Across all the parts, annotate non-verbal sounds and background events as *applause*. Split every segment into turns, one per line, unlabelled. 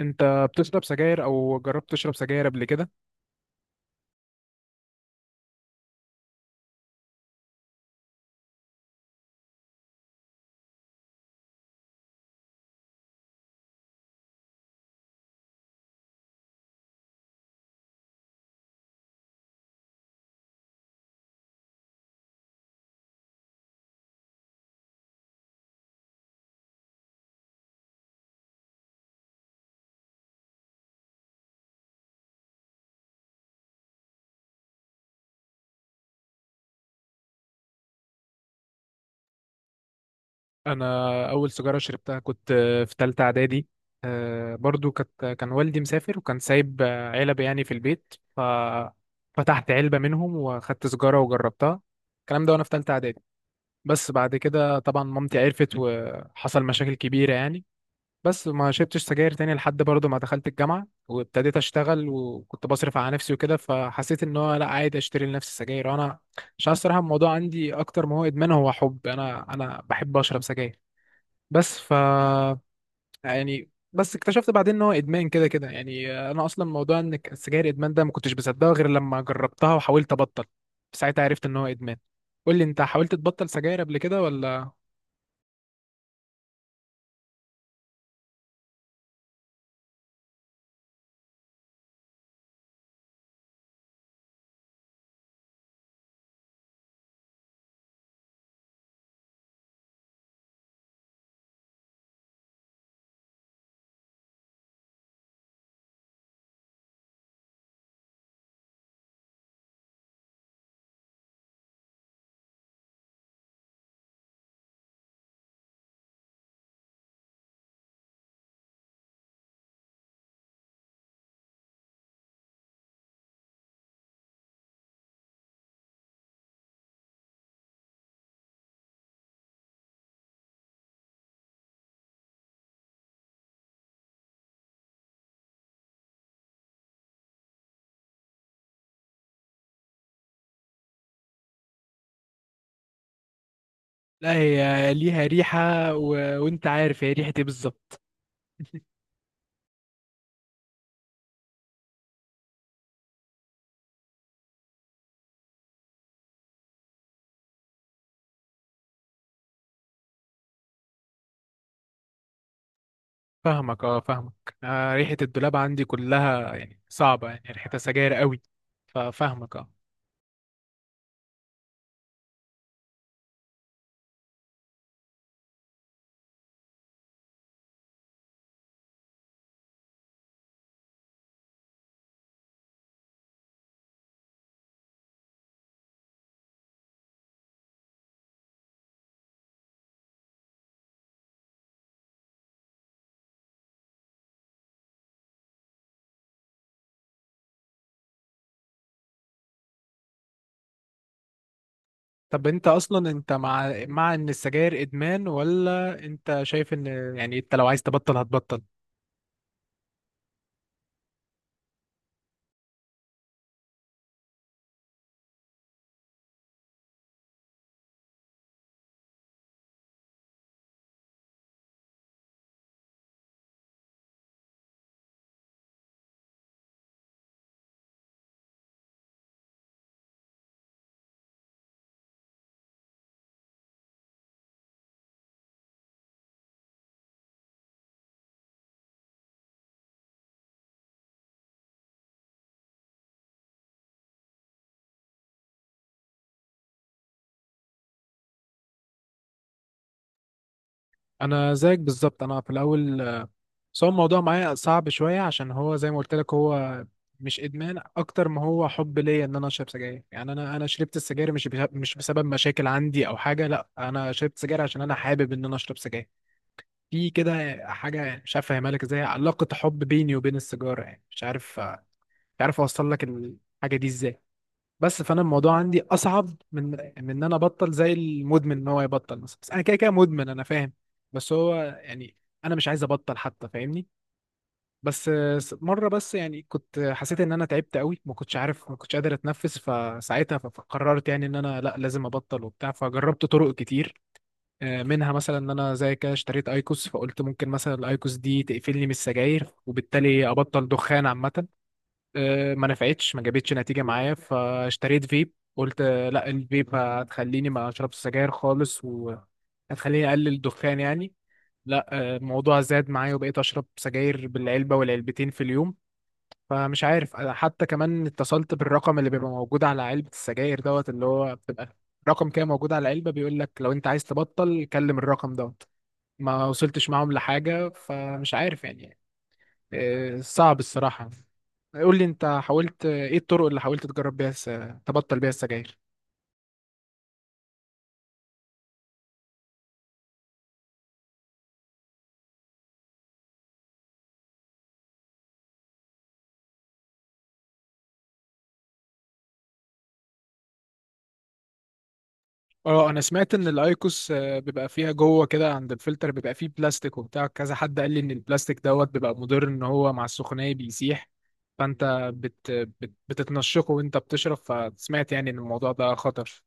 انت بتشرب سجاير او جربت تشرب سجاير قبل كده؟ انا اول سيجاره شربتها كنت في ثالثه اعدادي. برضو كان والدي مسافر وكان سايب علب يعني في البيت، ففتحت علبه منهم واخدت سيجاره وجربتها. الكلام ده وانا في ثالثه اعدادي. بس بعد كده طبعا مامتي عرفت وحصل مشاكل كبيره يعني. بس ما شربتش سجاير تاني لحد برضه ما دخلت الجامعة وابتديت اشتغل، وكنت بصرف على نفسي وكده، فحسيت ان هو لا عادي اشتري لنفسي سجاير انا، عشان الصراحة الموضوع عندي اكتر ما هو ادمان هو حب، انا بحب اشرب سجاير. بس ف يعني بس اكتشفت بعدين ان هو ادمان كده كده. يعني انا اصلا موضوع ان السجاير ادمان ده ما كنتش بصدقه غير لما جربتها وحاولت ابطل، ساعتها عرفت ان هو ادمان. قول لي، انت حاولت تبطل سجاير قبل كده ولا؟ لا هي ليها ريحة و... وانت عارف هي ريحة ايه بالظبط؟ فاهمك، اه فاهمك. آه ريحة الدولاب عندي كلها يعني صعبة، يعني ريحتها سجاير قوي، ففاهمك اه. طب انت اصلا انت مع ان السجاير ادمان، ولا انت شايف ان يعني انت لو عايز تبطل هتبطل؟ انا زيك بالظبط. انا في الاول بس هو الموضوع معايا صعب شوية، عشان هو زي ما قلت لك هو مش ادمان اكتر ما هو حب ليا ان انا اشرب سجاير. يعني انا شربت السجاير مش مش بسبب مشاكل عندي او حاجة، لا انا شربت سجاير عشان انا حابب ان انا اشرب سجاير. في كده حاجة مش عارف أفهمها لك إزاي، علاقة حب بيني وبين السيجارة، يعني مش عارف مش عارف أوصل لك الحاجة دي إزاي. بس فأنا الموضوع عندي أصعب من من إن أنا أبطل زي المدمن إن هو يبطل مثلا. بس أنا كده كده مدمن، أنا فاهم. بس هو يعني أنا مش عايز أبطل حتى، فاهمني؟ بس مرة بس يعني كنت حسيت إن أنا تعبت قوي، ما كنتش عارف ما كنتش قادر أتنفس، فساعتها فقررت يعني إن أنا لا لازم أبطل وبتاع، فجربت طرق كتير. منها مثلا ان انا زي كده اشتريت ايكوس، فقلت ممكن مثلا الايكوس دي تقفلني من السجاير وبالتالي ابطل دخان عامه. ما نفعتش ما جابتش نتيجه معايا، فاشتريت فيب، قلت لا الفيب هتخليني ما اشربش سجاير خالص وهتخليني اقلل الدخان يعني. لا الموضوع زاد معايا وبقيت اشرب سجاير بالعلبه والعلبتين في اليوم. فمش عارف. أنا حتى كمان اتصلت بالرقم اللي بيبقى موجود على علبه السجاير دوت، اللي هو بتبقى رقم كده موجود على العلبه بيقول لك لو انت عايز تبطل كلم الرقم دوت. ما وصلتش معاهم لحاجة، فمش عارف يعني. صعب الصراحة. قول لي انت حاولت ايه الطرق اللي حاولت تجرب بيها تبطل بيها السجاير؟ اه انا سمعت ان الايكوس بيبقى فيها جوه كده عند الفلتر بيبقى فيه بلاستيك وبتاع كذا. حد قال لي ان البلاستيك دوت بيبقى مضر، ان هو مع السخونية بيسيح، فانت بتتنشقه وانت بتشرب، فسمعت يعني ان الموضوع ده خطر.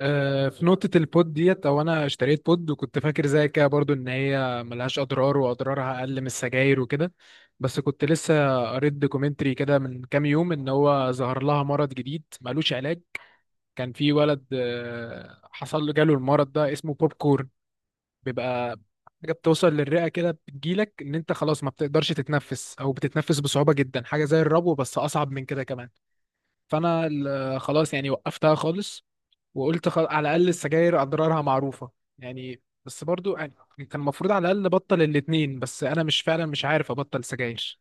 في نقطة البود ديت، أو أنا اشتريت بود وكنت فاكر زي كده برضو إن هي ملهاش أضرار وأضرارها أقل من السجاير وكده، بس كنت لسه قريت دوكيومنتري كده من كام يوم إن هو ظهر لها مرض جديد ملوش علاج. كان في ولد حصل له جاله المرض ده اسمه بوب كورن. بيبقى حاجة بتوصل للرئة كده، بتجيلك إن أنت خلاص ما بتقدرش تتنفس أو بتتنفس بصعوبة جدا، حاجة زي الربو بس أصعب من كده كمان. فأنا خلاص يعني وقفتها خالص، وقلت على الاقل السجاير اضرارها معروفه يعني. بس برضو يعني كان المفروض على الاقل ابطل الاتنين، بس انا مش فعلا مش عارف ابطل سجاير.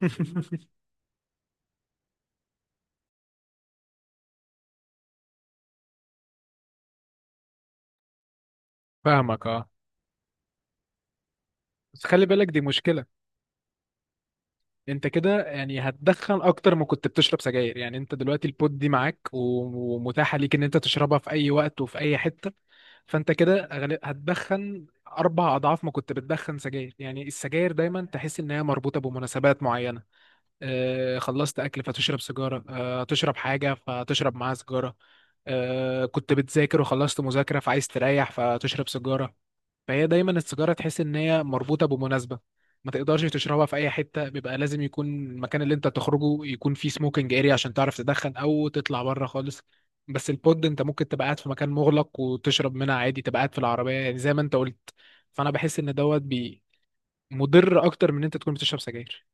*laughs* فاهمك اه. بس خلي بالك دي مشكله. انت كده يعني هتدخن اكتر ما كنت بتشرب سجاير. يعني انت دلوقتي البود دي معاك ومتاحه ليك ان انت تشربها في اي وقت وفي اي حته، فانت كده هتدخن اربع اضعاف ما كنت بتدخن سجاير. يعني السجاير دايما تحس انها مربوطه بمناسبات معينه، خلصت اكل فتشرب سيجاره، تشرب حاجه فتشرب معاها سيجاره، كنت بتذاكر وخلصت مذاكره فعايز تريح فتشرب سيجاره. فهي دايما السيجاره تحس ان هي مربوطه بمناسبه، ما تقدرش تشربها في اي حته، بيبقى لازم يكون المكان اللي انت تخرجه يكون فيه سموكينج اريا عشان تعرف تدخن او تطلع بره خالص. بس البود انت ممكن تبقى قاعد في مكان مغلق وتشرب منها عادي، تبقى قاعد في العربيه يعني زي ما انت قلت. فانا بحس ان دوت بي مضر اكتر من ان انت تكون بتشرب سجاير.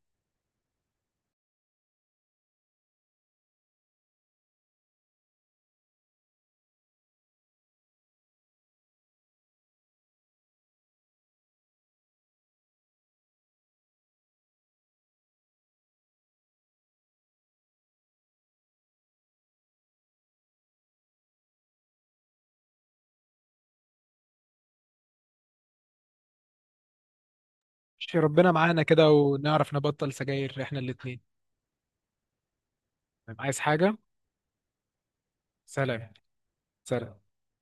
ماشي، ربنا معانا كده ونعرف نبطل سجاير احنا الاتنين. عايز حاجة؟ سلام. سلام.